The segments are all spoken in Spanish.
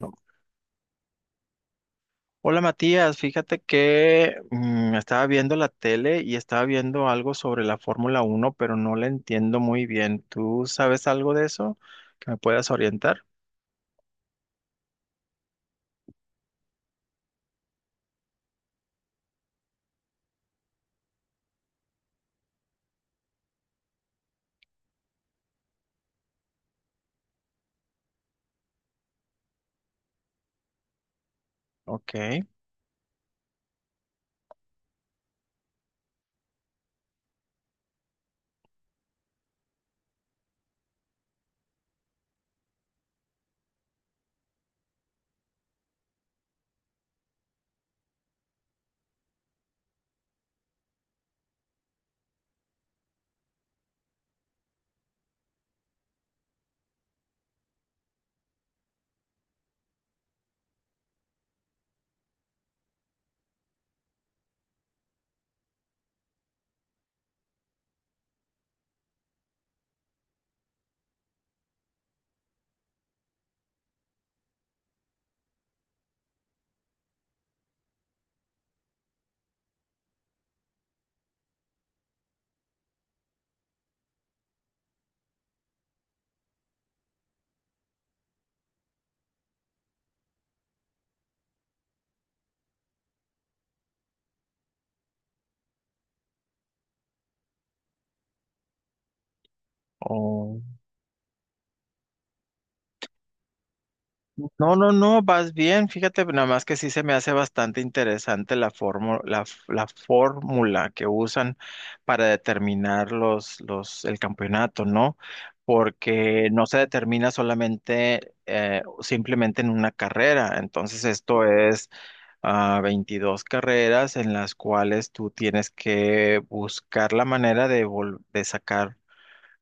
No. Hola Matías, fíjate que estaba viendo la tele y estaba viendo algo sobre la Fórmula Uno, pero no la entiendo muy bien. ¿Tú sabes algo de eso que me puedas orientar? Ok. Oh. No, no, no, vas bien. Fíjate, nada más que sí se me hace bastante interesante la fórmula, la fórmula que usan para determinar el campeonato, ¿no? Porque no se determina solamente, simplemente en una carrera. Entonces, esto es 22 carreras en las cuales tú tienes que buscar la manera de, de sacar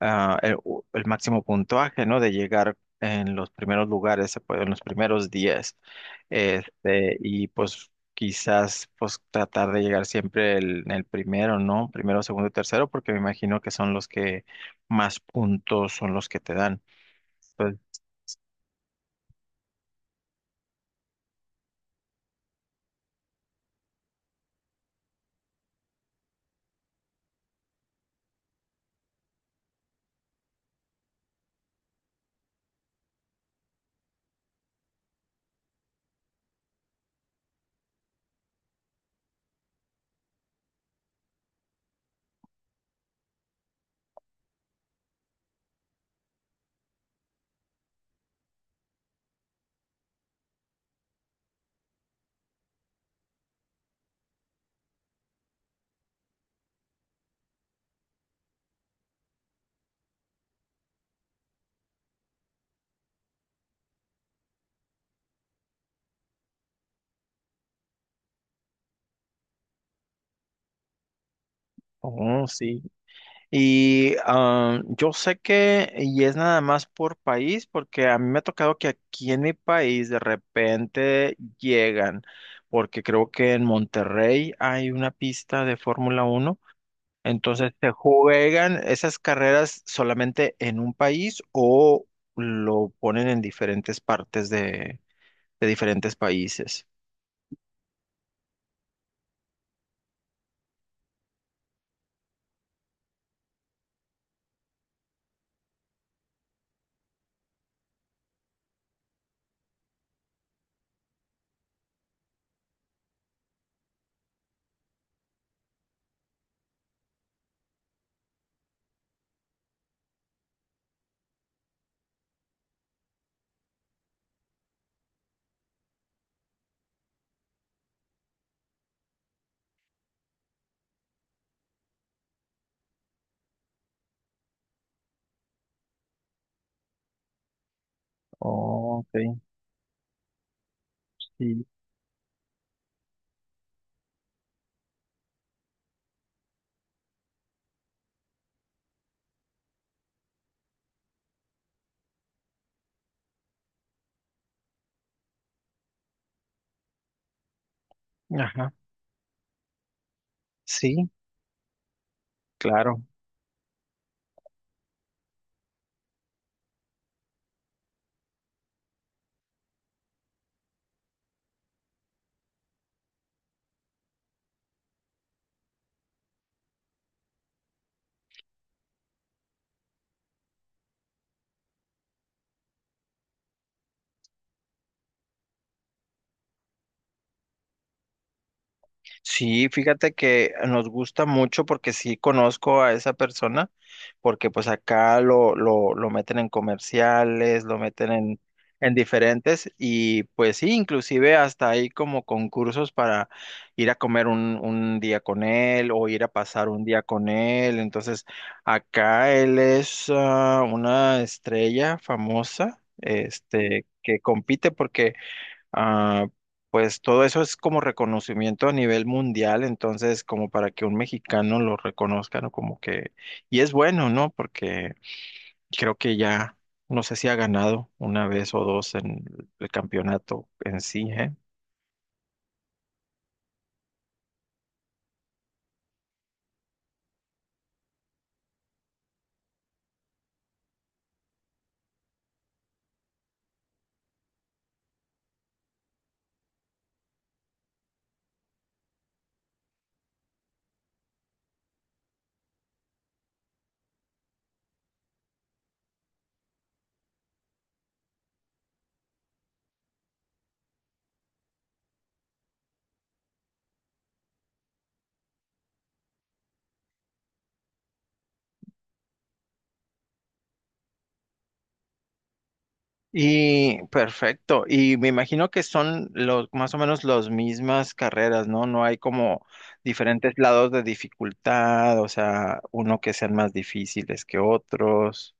ah, el, el máximo puntaje, ¿no? De llegar en los primeros lugares, en los primeros 10. Este, y pues quizás pues tratar de llegar siempre en el primero, ¿no? Primero, segundo y tercero, porque me imagino que son los que más puntos son los que te dan. Entonces, oh, sí. Y yo sé que, y es nada más por país, porque a mí me ha tocado que aquí en mi país de repente llegan, porque creo que en Monterrey hay una pista de Fórmula uno, entonces se juegan esas carreras solamente en un país o lo ponen en diferentes partes de diferentes países. Oh, ok, sí. Ajá. Sí, claro. Sí, fíjate que nos gusta mucho porque sí conozco a esa persona, porque pues acá lo meten en comerciales, lo meten en diferentes y pues sí, inclusive hasta hay como concursos para ir a comer un día con él o ir a pasar un día con él. Entonces, acá él es una estrella famosa, este, que compite porque... Ah, pues todo eso es como reconocimiento a nivel mundial, entonces como para que un mexicano lo reconozca, ¿no? Como que, y es bueno, ¿no? Porque creo que ya, no sé si ha ganado una vez o dos en el campeonato en sí, ¿eh? Y perfecto, y me imagino que son los más o menos las mismas carreras, ¿no? No hay como diferentes lados de dificultad, o sea, uno que sean más difíciles que otros.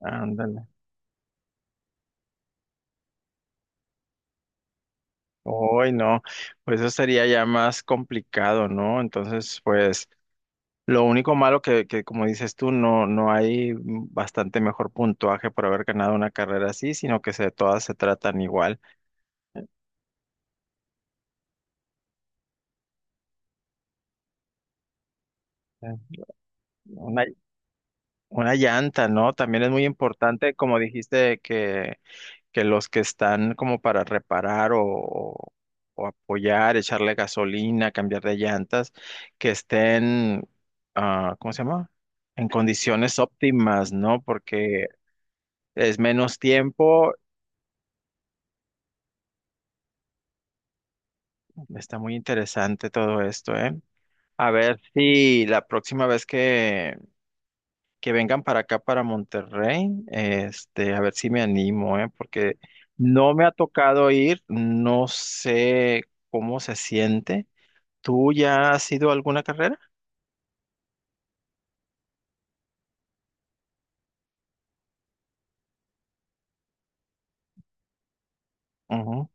Ándale. Hoy no, pues eso sería ya más complicado, ¿no? Entonces, pues lo único malo que como dices tú, no, no hay bastante mejor puntuaje por haber ganado una carrera así, sino que se, todas se tratan igual. Eh, Una, una llanta, ¿no? También es muy importante, como dijiste, que los que están como para reparar o, o apoyar, echarle gasolina, cambiar de llantas, que estén, ah, ¿cómo se llama? En condiciones óptimas, ¿no? Porque es menos tiempo. Está muy interesante todo esto, ¿eh? A ver si la próxima vez que vengan para acá, para Monterrey, este, a ver si me animo, ¿eh? Porque no me ha tocado ir, no sé cómo se siente. ¿Tú ya has ido a alguna carrera? Ujú.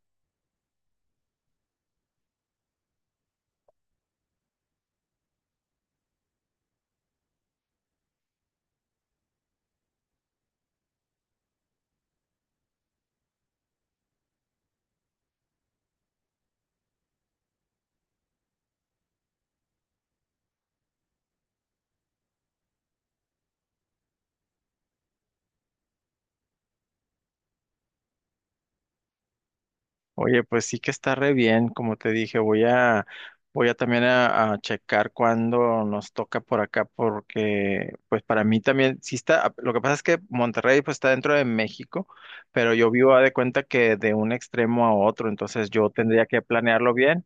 Oye, pues sí que está re bien, como te dije, voy a, voy a también a checar cuándo nos toca por acá, porque pues para mí también, sí está, lo que pasa es que Monterrey pues está dentro de México, pero yo vivo a de cuenta que de un extremo a otro, entonces yo tendría que planearlo bien.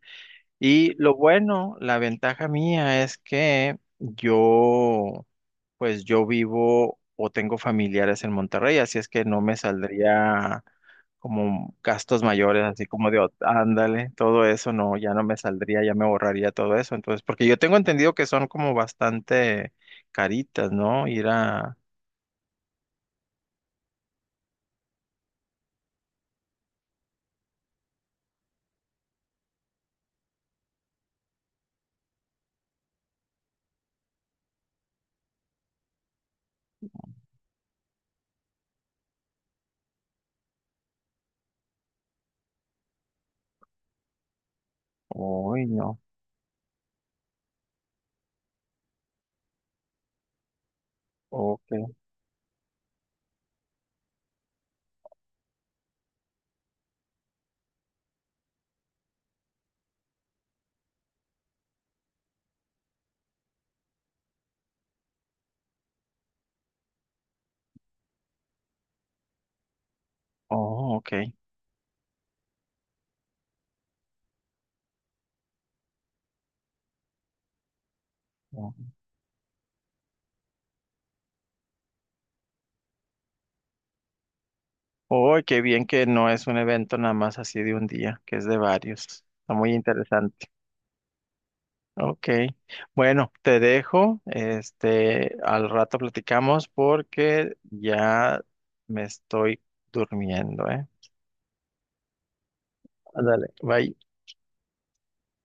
Y lo bueno, la ventaja mía es que yo, pues yo vivo o tengo familiares en Monterrey, así es que no me saldría como gastos mayores, así como de, "Oh, ándale, todo eso, no, ya no me saldría, ya me borraría todo eso. Entonces, porque yo tengo entendido que son como bastante caritas, ¿no? Ir a, uy, no, ok, oh, ok. No. Uy, qué bien que no es un evento nada más así de un día, que es de varios. Está muy interesante. Ok. Bueno, te dejo. Este, al rato platicamos porque ya me estoy durmiendo, ¿eh? Ándale, bye.